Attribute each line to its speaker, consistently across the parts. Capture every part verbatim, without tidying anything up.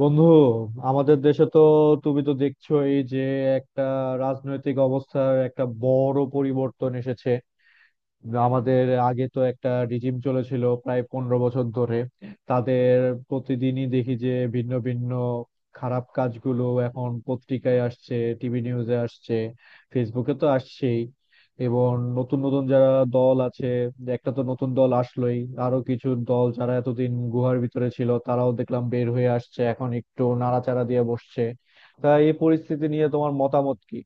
Speaker 1: বন্ধু, আমাদের দেশে তো তুমি তো দেখছোই যে একটা রাজনৈতিক অবস্থার একটা বড় পরিবর্তন এসেছে। আমাদের আগে তো একটা রিজিম চলেছিল প্রায় পনেরো বছর ধরে। তাদের প্রতিদিনই দেখি যে ভিন্ন ভিন্ন খারাপ কাজগুলো এখন পত্রিকায় আসছে, টিভি নিউজে আসছে, ফেসবুকে তো আসছেই। এবং নতুন নতুন যারা দল আছে, একটা তো নতুন দল আসলোই, আরো কিছু দল যারা এতদিন গুহার ভিতরে ছিল তারাও দেখলাম বের হয়ে আসছে, এখন একটু নাড়াচাড়া দিয়ে বসছে। তা এই পরিস্থিতি নিয়ে তোমার মতামত কি?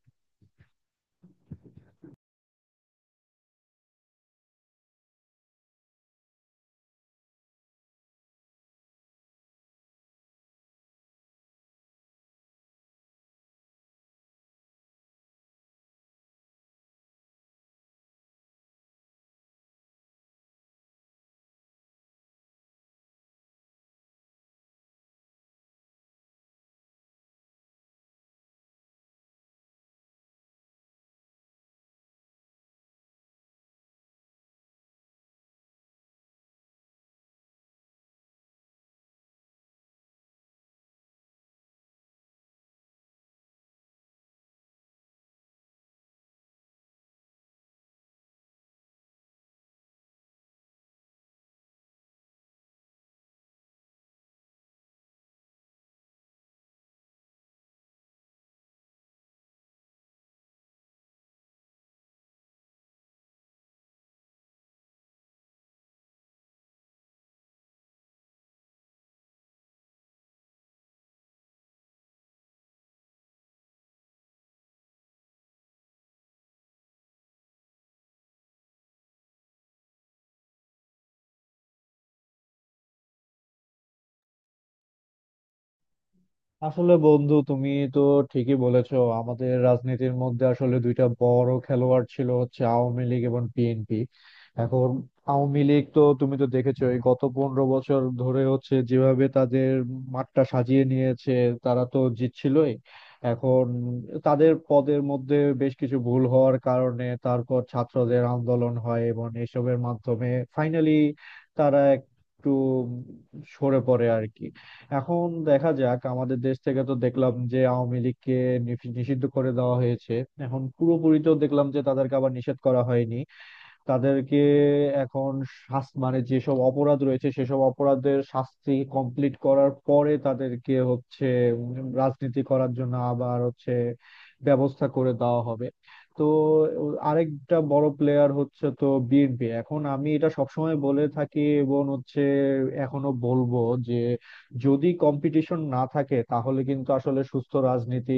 Speaker 1: আসলে বন্ধু, তুমি তো ঠিকই বলেছো, আমাদের রাজনীতির মধ্যে আসলে দুইটা বড় খেলোয়াড় ছিল হচ্ছে আওয়ামী লীগ এবং বিএনপি। এখন আওয়ামী লীগ তো তুমি তো দেখেছো এই গত পনেরো বছর ধরে হচ্ছে যেভাবে তাদের মাঠটা সাজিয়ে নিয়েছে, তারা তো জিতছিলই। এখন তাদের পদের মধ্যে বেশ কিছু ভুল হওয়ার কারণে তারপর ছাত্রদের আন্দোলন হয় এবং এসবের মাধ্যমে ফাইনালি তারা একটু সরে পড়ে আর কি। এখন দেখা যাক, আমাদের দেশ থেকে তো দেখলাম যে আওয়ামী লীগকে নিষি- নিষিদ্ধ করে দেওয়া হয়েছে। এখন পুরোপুরি তো দেখলাম যে তাদেরকে আবার নিষেধ করা হয়নি। তাদেরকে এখন শাস্তি মানে যেসব অপরাধ রয়েছে সেসব অপরাধের শাস্তি কমপ্লিট করার পরে তাদেরকে হচ্ছে উম, রাজনীতি করার জন্য আবার হচ্ছে ব্যবস্থা করে দেওয়া হবে। তো আরেকটা বড় প্লেয়ার হচ্ছে তো বিএনপি। এখন আমি এটা সবসময় বলে থাকি এবং হচ্ছে এখনো বলবো যে যদি কম্পিটিশন না থাকে তাহলে কিন্তু আসলে সুস্থ রাজনীতি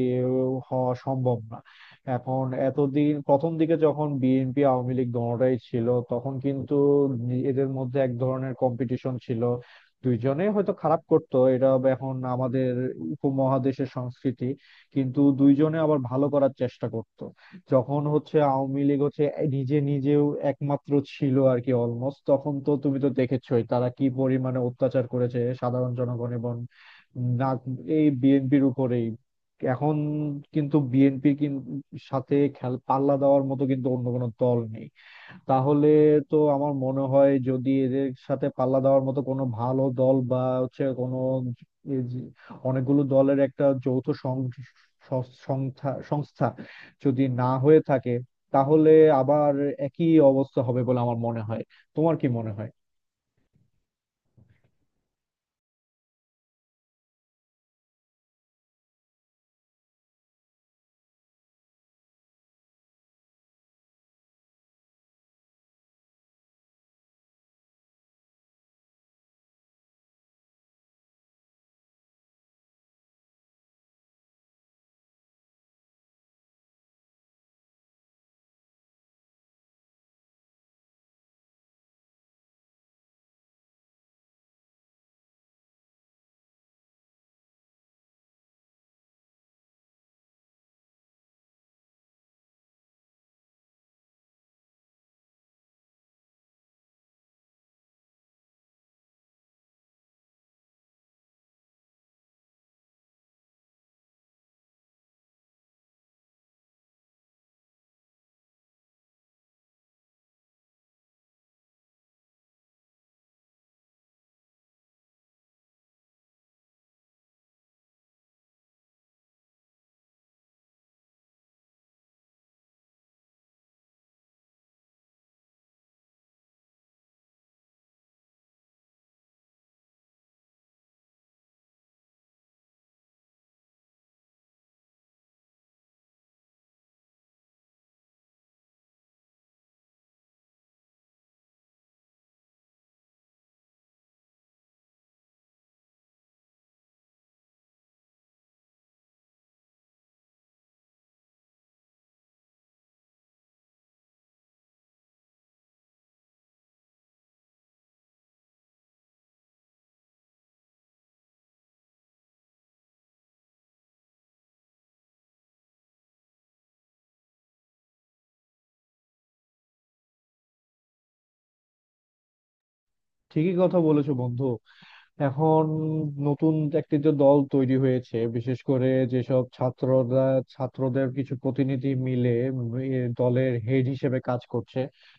Speaker 1: হওয়া সম্ভব না। এখন এতদিন প্রথম দিকে যখন বিএনপি আওয়ামী লীগ দোনোটাই ছিল তখন কিন্তু এদের মধ্যে এক ধরনের কম্পিটিশন ছিল, দুইজনেই হয়তো খারাপ করতো, এটা আবার এখন আমাদের উপমহাদেশের সংস্কৃতি, কিন্তু দুইজনে আবার ভালো করার চেষ্টা করত। যখন হচ্ছে আওয়ামী লীগ হচ্ছে নিজে নিজেও একমাত্র ছিল আর কি, অলমোস্ট, তখন তো তুমি তো দেখেছোই তারা কি পরিমাণে অত্যাচার করেছে সাধারণ জনগণ এবং না এই বিএনপির উপরেই। এখন কিন্তু বিএনপির সাথে খেল পাল্লা দেওয়ার মতো কিন্তু অন্য কোনো দল নেই। তাহলে তো আমার মনে হয়, যদি এদের সাথে পাল্লা দেওয়ার মতো কোনো ভালো দল বা হচ্ছে কোনো এই যে অনেকগুলো দলের একটা যৌথ সং- সং- সংস্থা সংস্থা যদি না হয়ে থাকে তাহলে আবার একই অবস্থা হবে বলে আমার মনে হয়। তোমার কি মনে হয়? ঠিকই কথা বলেছো বন্ধু। এখন নতুন একটি যে দল তৈরি হয়েছে, বিশেষ করে যেসব ছাত্ররা, ছাত্রদের কিছু প্রতিনিধি মিলে এ দলের হেড হিসেবে কাজ করছে।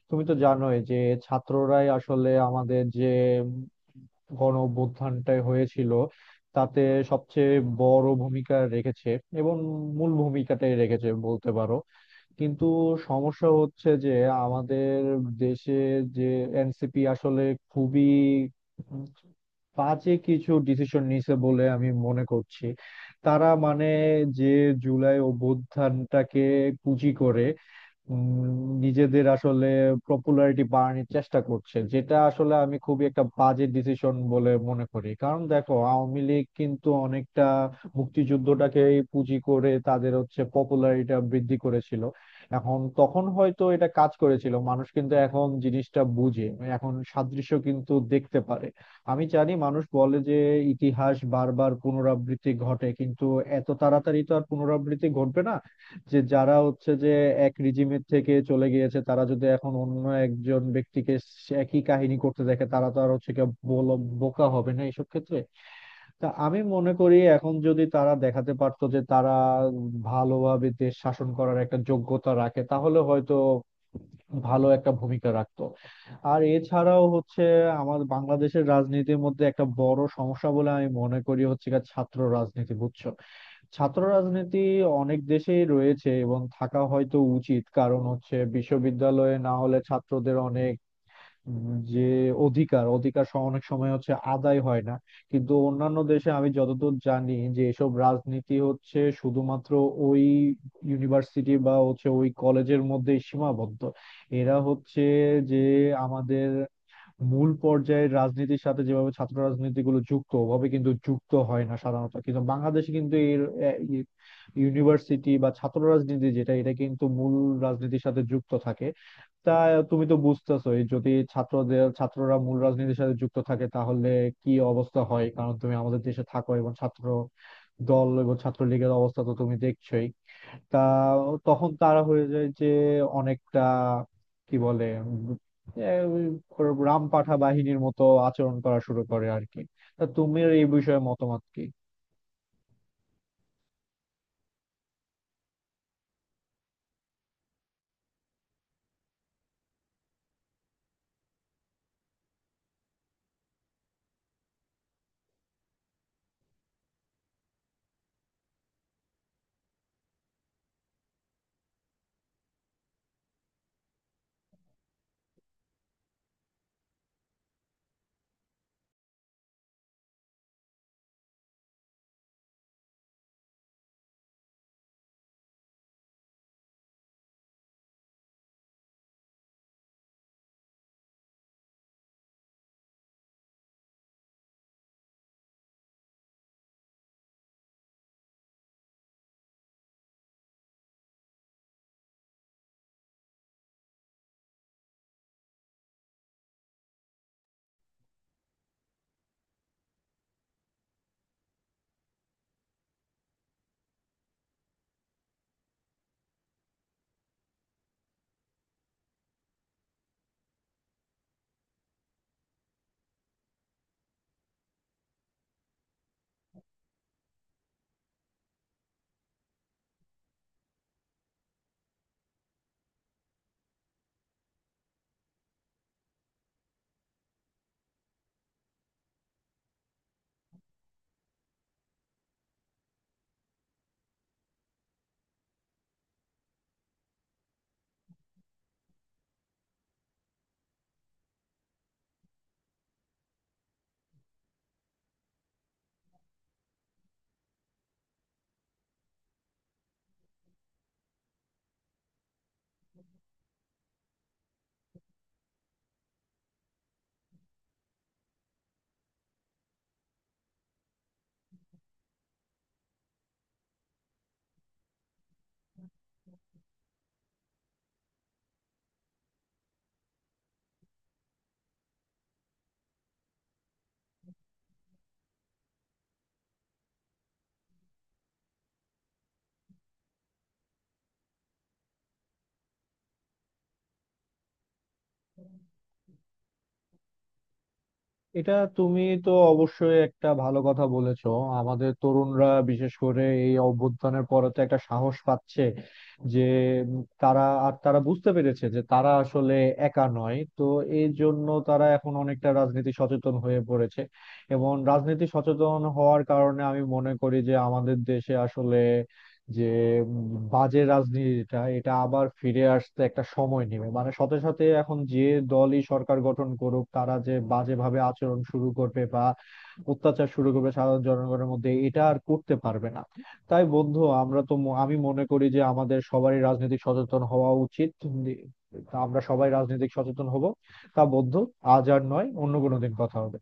Speaker 1: তুমি তো জানোই যে ছাত্ররাই আসলে আমাদের যে গণ অভ্যুত্থানটা হয়েছিল তাতে সবচেয়ে বড় ভূমিকা রেখেছে এবং মূল ভূমিকাটাই রেখেছে বলতে পারো। কিন্তু সমস্যা হচ্ছে যে আমাদের দেশে যে এনসিপি আসলে খুবই উম বাজে কিছু ডিসিশন নিছে বলে আমি মনে করছি। তারা মানে যে জুলাই অভ্যুত্থানটাকে পুঁজি করে উম, নিজেদের আসলে পপুলারিটি বাড়ানোর চেষ্টা করছে, যেটা আসলে আমি খুবই একটা বাজে ডিসিশন বলে মনে করি। কারণ দেখো, আওয়ামী লীগ কিন্তু অনেকটা মুক্তিযুদ্ধটাকে পুঁজি করে তাদের হচ্ছে পপুলারিটিটা বৃদ্ধি করেছিল। এখন তখন হয়তো এটা কাজ করেছিল, মানুষ কিন্তু এখন জিনিসটা বুঝে, এখন সাদৃশ্য কিন্তু দেখতে পারে। আমি জানি মানুষ বলে যে ইতিহাস বারবার পুনরাবৃত্তি ঘটে, কিন্তু এত তাড়াতাড়ি তো আর পুনরাবৃত্তি ঘটবে না। যে যারা হচ্ছে যে এক রিজিমের থেকে চলে গিয়েছে তারা যদি এখন অন্য একজন ব্যক্তিকে সে- একই কাহিনী করতে দেখে, তারা তো আর হচ্ছে কি বল- বোকা হবে না এসব ক্ষেত্রে। তা আমি মনে করি এখন যদি তারা দেখাতে পারতো যে তারা ভালোভাবে দেশ শাসন করার একটা যোগ্যতা রাখে তাহলে হয়তো ভালো একটা ভূমিকা রাখতো। আর এছাড়াও হচ্ছে আমার বাংলাদেশের রাজনীতির মধ্যে একটা বড় সমস্যা বলে আমি মনে করি হচ্ছে গিয়ে ছাত্র রাজনীতি, বুঝছো? ছাত্র রাজনীতি অনেক দেশেই রয়েছে এবং থাকা হয়তো উচিত, কারণ হচ্ছে বিশ্ববিদ্যালয়ে না হলে ছাত্রদের অনেক উম, যে অধিকার অধিকার স- অনেক সময় হচ্ছে আদায় হয় না। কিন্তু অন্যান্য দেশে আমি যতদূর জানি যে এসব রাজনীতি হচ্ছে শুধুমাত্র ওই ইউনিভার্সিটি বা হচ্ছে ওই কলেজের মধ্যেই সীমাবদ্ধ। এরা হচ্ছে যে আমাদের মূল পর্যায়ের রাজনীতির সাথে যেভাবে ছাত্র রাজনীতিগুলো যুক্ত, ওভাবে কিন্তু যুক্ত হয় না সাধারণত, কিন্তু বাংলাদেশে কিন্তু এর ইউনিভার্সিটি বা ছাত্র রাজনীতি যেটা এটা কিন্তু মূল রাজনীতির সাথে যুক্ত থাকে। তা তুমি তো বুঝতেছোই যদি ছাত্রদের ছাত্ররা মূল রাজনীতির সাথে যুক্ত থাকে তাহলে কি অবস্থা হয়, কারণ তুমি আমাদের দেশে থাকো এবং ছাত্র দল এবং ছাত্রলীগের অবস্থা তো তুমি দেখছোই। তা তখন তারা হয়ে যায় যে অনেকটা কি বলে উম, এ, ওই রামপাঠা বাহিনীর মতো আচরণ করা শুরু করে আর কি। তা তুমি এই বিষয়ে মতামত কি? এটা তুমি তো অবশ্যই একটা ভালো কথা বলেছো। আমাদের তরুণরা বিশেষ করে এই অভ্যুত্থানের পরে তো একটা সাহস পাচ্ছে যে উম, তারা আর তারা বুঝতে পেরেছে যে তারা আসলে একা নয়। তো এই জন্য তারা এখন অনেকটা রাজনীতি সচেতন হয়ে পড়েছে। এবং রাজনীতি সচেতন হওয়ার কারণে আমি মনে করি যে আমাদের দেশে আসলে যে উম, বাজে রাজনীতিটা এটা আবার ফিরে আসতে একটা সময় নেবে, মানে সাথে সাথে এখন যে দলই সরকার গঠন করুক তারা যে বাজেভাবে আচরণ শুরু করবে বা অত্যাচার শুরু করবে সাধারণ জনগণের মধ্যে এটা আর করতে পারবে না। তাই বন্ধু, আমরা তো ম- আমি মনে করি যে আমাদের সবারই রাজনৈতিক সচেতন হওয়া উচিত। উম, তা আমরা সবাই রাজনৈতিক সচেতন হব। তা বন্ধু, আজ আর নয়, অন্য কোনো দিন কথা হবে।